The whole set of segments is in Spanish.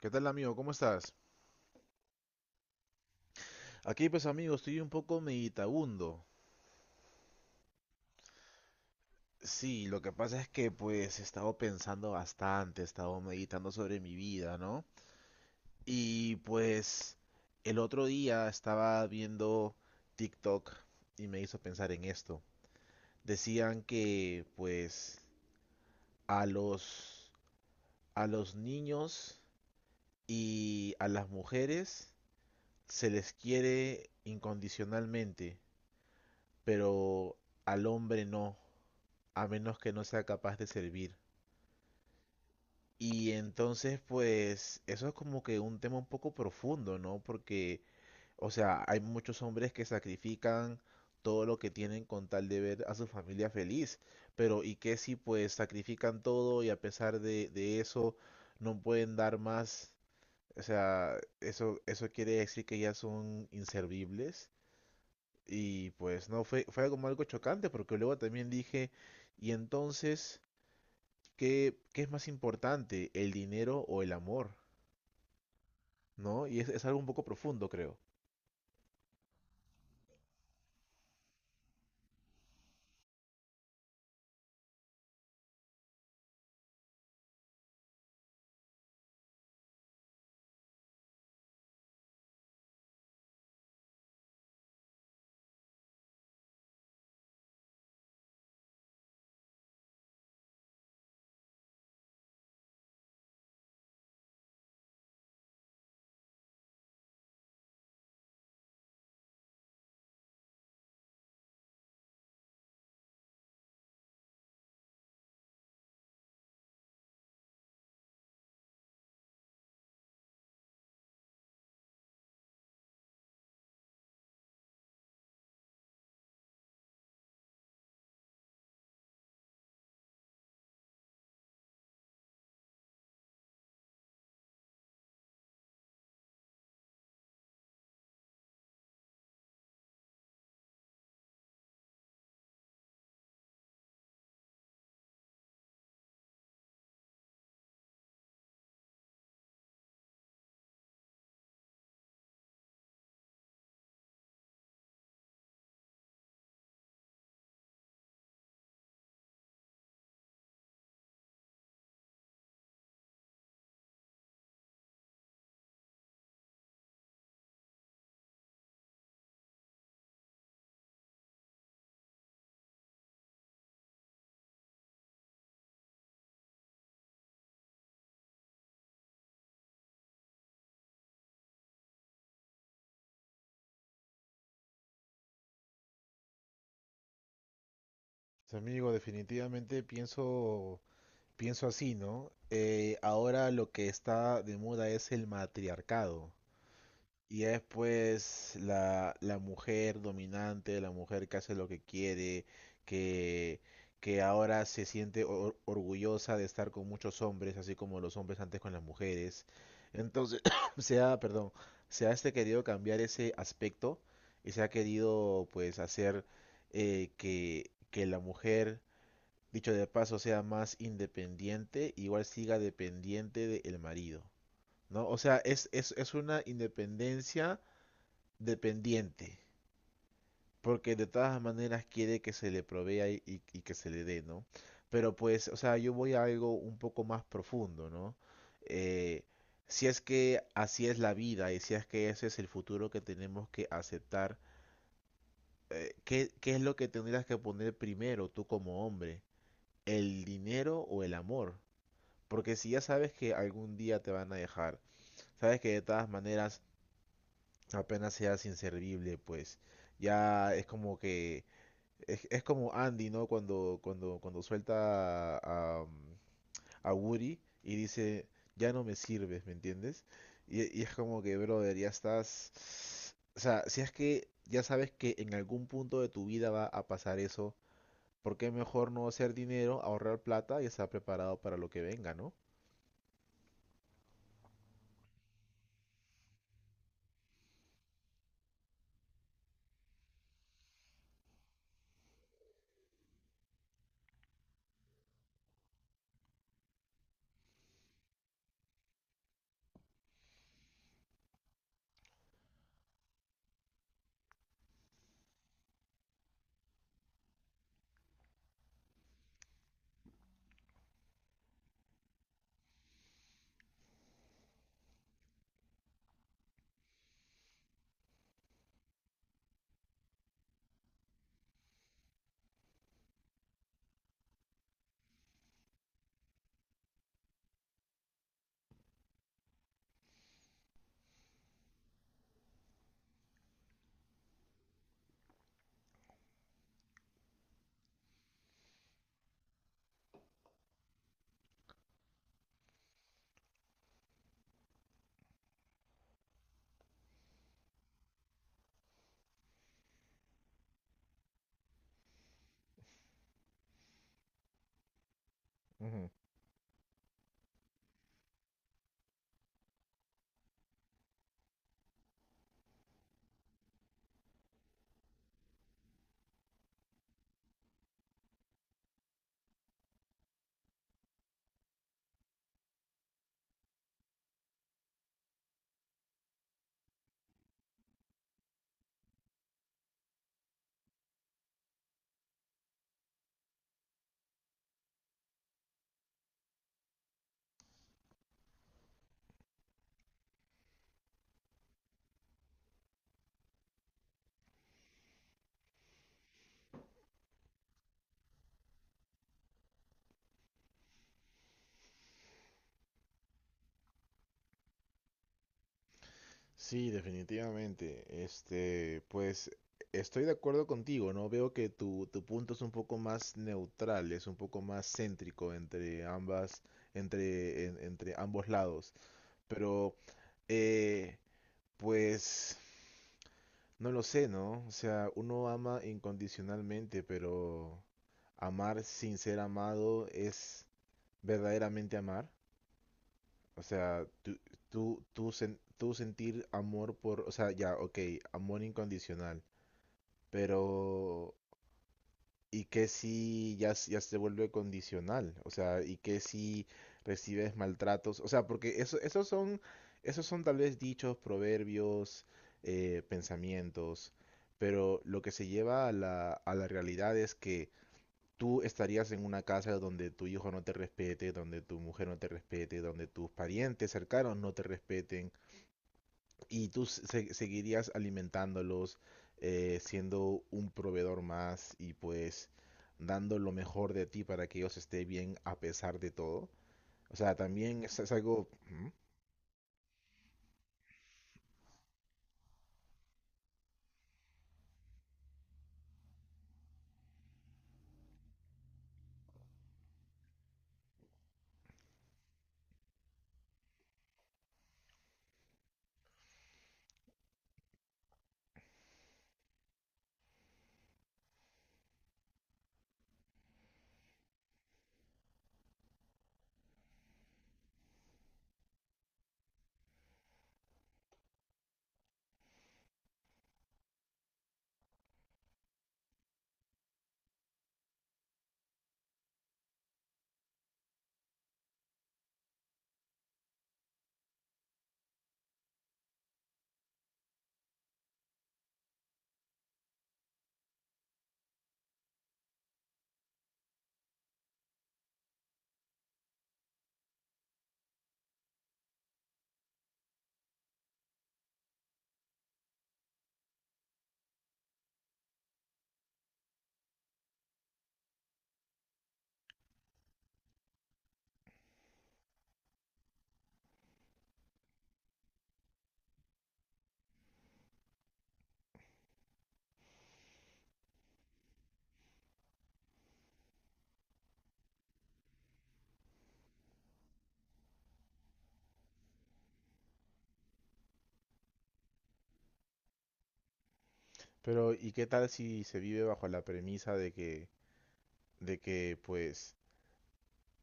¿Qué tal, amigo? ¿Cómo estás? Aquí pues, amigo, estoy un poco meditabundo. Sí, lo que pasa es que pues he estado pensando bastante, he estado meditando sobre mi vida, ¿no? Y pues el otro día estaba viendo TikTok y me hizo pensar en esto. Decían que pues a los a los niños y a las mujeres se les quiere incondicionalmente, pero al hombre no, a menos que no sea capaz de servir. Y entonces, pues, eso es como que un tema un poco profundo, ¿no? Porque, o sea, hay muchos hombres que sacrifican todo lo que tienen con tal de ver a su familia feliz, pero ¿y qué si pues sacrifican todo y a pesar de eso no pueden dar más? O sea, eso quiere decir que ya son inservibles. Y pues no, fue como algo chocante, porque luego también dije, y entonces, ¿Qué es más importante, el dinero o el amor? ¿No? Y es algo un poco profundo, creo. Pues, amigo, definitivamente pienso, pienso así, ¿no? Ahora lo que está de moda es el matriarcado. Y ya después la mujer dominante, la mujer que hace lo que quiere, que, que ahora se siente orgullosa de estar con muchos hombres, así como los hombres antes con las mujeres. Entonces, perdón, se ha, este, querido cambiar ese aspecto y se ha querido pues hacer, que la mujer, dicho de paso, sea más independiente, igual siga dependiente del marido, ¿no? O sea, es una independencia dependiente, porque de todas maneras quiere que se le provea y que se le dé, ¿no? Pero pues, o sea, yo voy a algo un poco más profundo, ¿no? Eh, si es que así es la vida y si es que ese es el futuro que tenemos que aceptar, ¿qué, qué es lo que tendrías que poner primero tú como hombre? ¿El dinero o el amor? Porque si ya sabes que algún día te van a dejar, sabes que de todas maneras apenas seas inservible, pues ya es como que... es como Andy, ¿no? Cuando suelta a Woody y dice, ya no me sirves, ¿me entiendes? Y es como que, brother, ya estás... O sea, si es que ya sabes que en algún punto de tu vida va a pasar eso, ¿por qué mejor no hacer dinero, ahorrar plata y estar preparado para lo que venga, ¿no? Sí, definitivamente. Este, pues estoy de acuerdo contigo, ¿no? Veo que tu punto es un poco más neutral, es un poco más céntrico entre ambas, entre ambos lados. Pero, eh, pues, no lo sé, ¿no? O sea, uno ama incondicionalmente, pero amar sin ser amado es verdaderamente amar. O sea, tú sentir amor por, o sea, ya, ok, amor incondicional, pero ¿y qué si ya, ya se vuelve condicional? O sea, ¿y qué si recibes maltratos? O sea, porque eso, esos son, tal vez dichos, proverbios, pensamientos, pero lo que se lleva a la realidad es que tú estarías en una casa donde tu hijo no te respete, donde tu mujer no te respete, donde tus parientes cercanos no te respeten y tú seguirías alimentándolos, siendo un proveedor más y pues dando lo mejor de ti para que ellos estén bien a pesar de todo. O sea, también es algo... ¿Mm? Pero ¿y qué tal si se vive bajo la premisa de que pues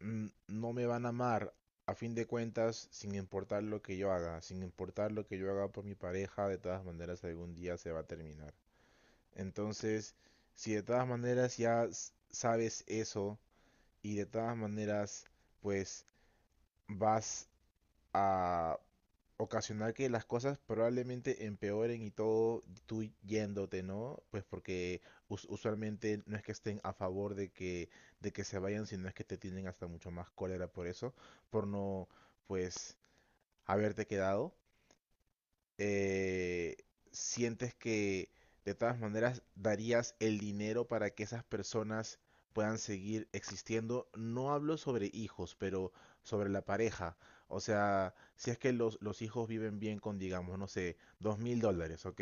no me van a amar? A fin de cuentas, sin importar lo que yo haga, sin importar lo que yo haga por mi pareja, de todas maneras algún día se va a terminar. Entonces, si de todas maneras ya sabes eso y de todas maneras pues vas a ocasionar que las cosas probablemente empeoren y todo tú yéndote, ¿no? Pues porque usualmente no es que estén a favor de que se vayan, sino es que te tienen hasta mucho más cólera por eso, por no pues haberte quedado, eh, sientes que de todas maneras darías el dinero para que esas personas puedan seguir existiendo. No hablo sobre hijos, pero sobre la pareja. O sea, si es que los hijos viven bien con, digamos, no sé, 2000 dólares, ¿ok?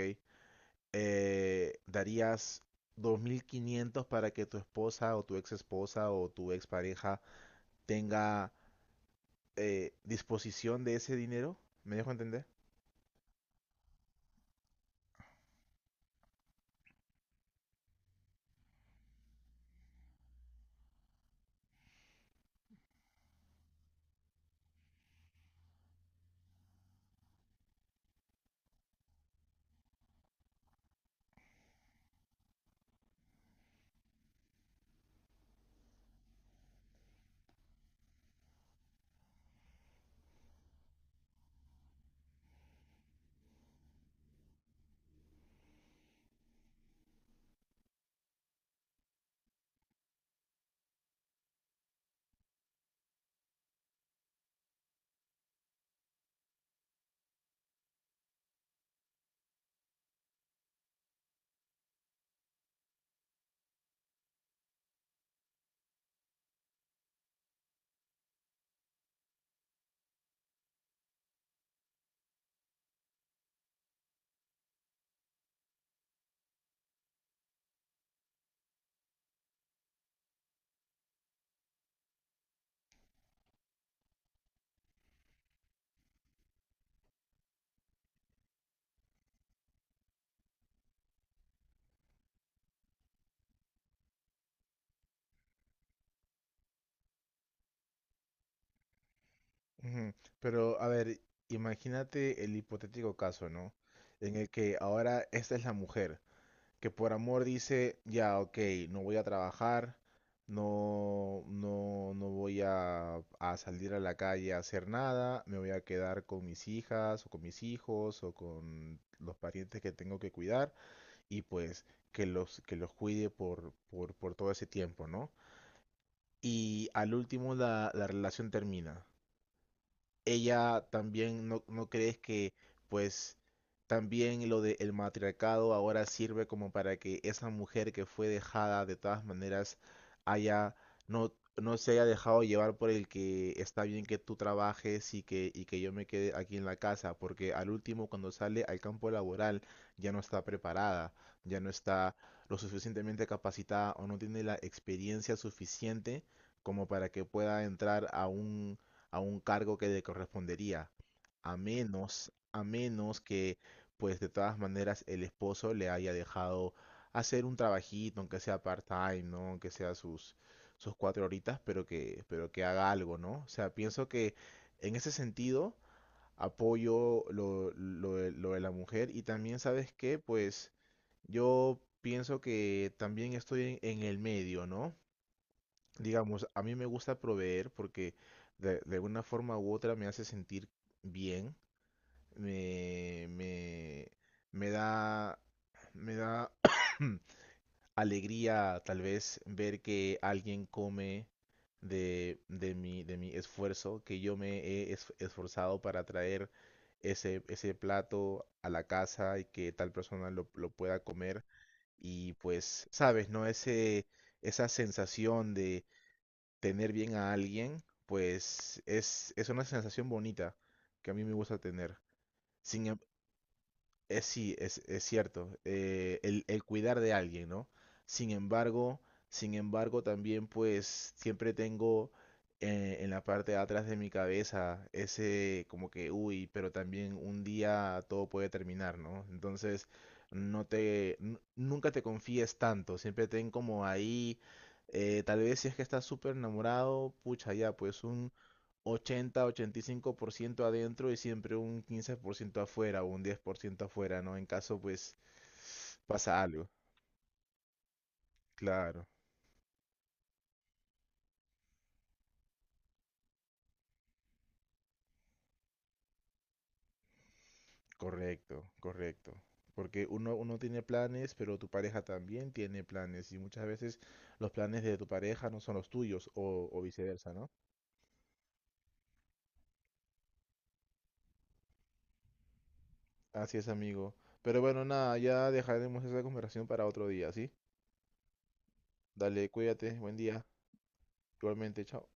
Darías 2500 para que tu esposa o tu ex esposa o tu ex pareja tenga, disposición de ese dinero. ¿Me dejo entender? Ujú. Pero, a ver, imagínate el hipotético caso, ¿no? En el que ahora esta es la mujer, que por amor dice, ya, ok, no voy a trabajar, no, no, no voy a salir a la calle a hacer nada, me voy a quedar con mis hijas o con mis hijos o con los parientes que tengo que cuidar y pues que los cuide por todo ese tiempo, ¿no? Y al último la relación termina, ella también, no crees que pues también lo del matriarcado ahora sirve como para que esa mujer que fue dejada de todas maneras haya, no se haya dejado llevar por el que está bien que tú trabajes y que yo me quede aquí en la casa, porque al último cuando sale al campo laboral ya no está preparada, ya no está lo suficientemente capacitada o no tiene la experiencia suficiente como para que pueda entrar a un cargo que le correspondería, a menos que, pues de todas maneras, el esposo le haya dejado hacer un trabajito, aunque sea part-time, ¿no? Aunque sea sus, cuatro horitas, pero que haga algo, ¿no? O sea, pienso que en ese sentido apoyo lo de la mujer y también, ¿sabes qué? Pues yo pienso que también estoy en el medio, ¿no? Digamos, a mí me gusta proveer porque de una forma u otra me hace sentir bien, me, me, me da, me da alegría tal vez ver que alguien come de mi esfuerzo, que yo me he esforzado para traer ese, plato a la casa y que tal persona lo pueda comer. Y pues, sabes, ¿no? Ese, esa sensación de tener bien a alguien, pues es, una sensación bonita que a mí me gusta tener. Sin, em- Eh, sí, es cierto, el cuidar de alguien, ¿no? Sin embargo, sin embargo, también pues siempre tengo, en la parte de atrás de mi cabeza ese como que, uy, pero también un día todo puede terminar, ¿no? Entonces, nunca te confíes tanto, siempre ten como ahí, tal vez si es que estás súper enamorado, pucha, ya, pues 85% adentro y siempre un 15% afuera o un 10% afuera, ¿no? En caso, pues, pasa algo. Claro, correcto, correcto. Porque uno, uno tiene planes, pero tu pareja también tiene planes y muchas veces los planes de tu pareja no son los tuyos o viceversa, ¿no? Así es, amigo. Pero bueno, nada, ya dejaremos esa conversación para otro día, ¿sí? Dale, cuídate, buen día. Igualmente, chao.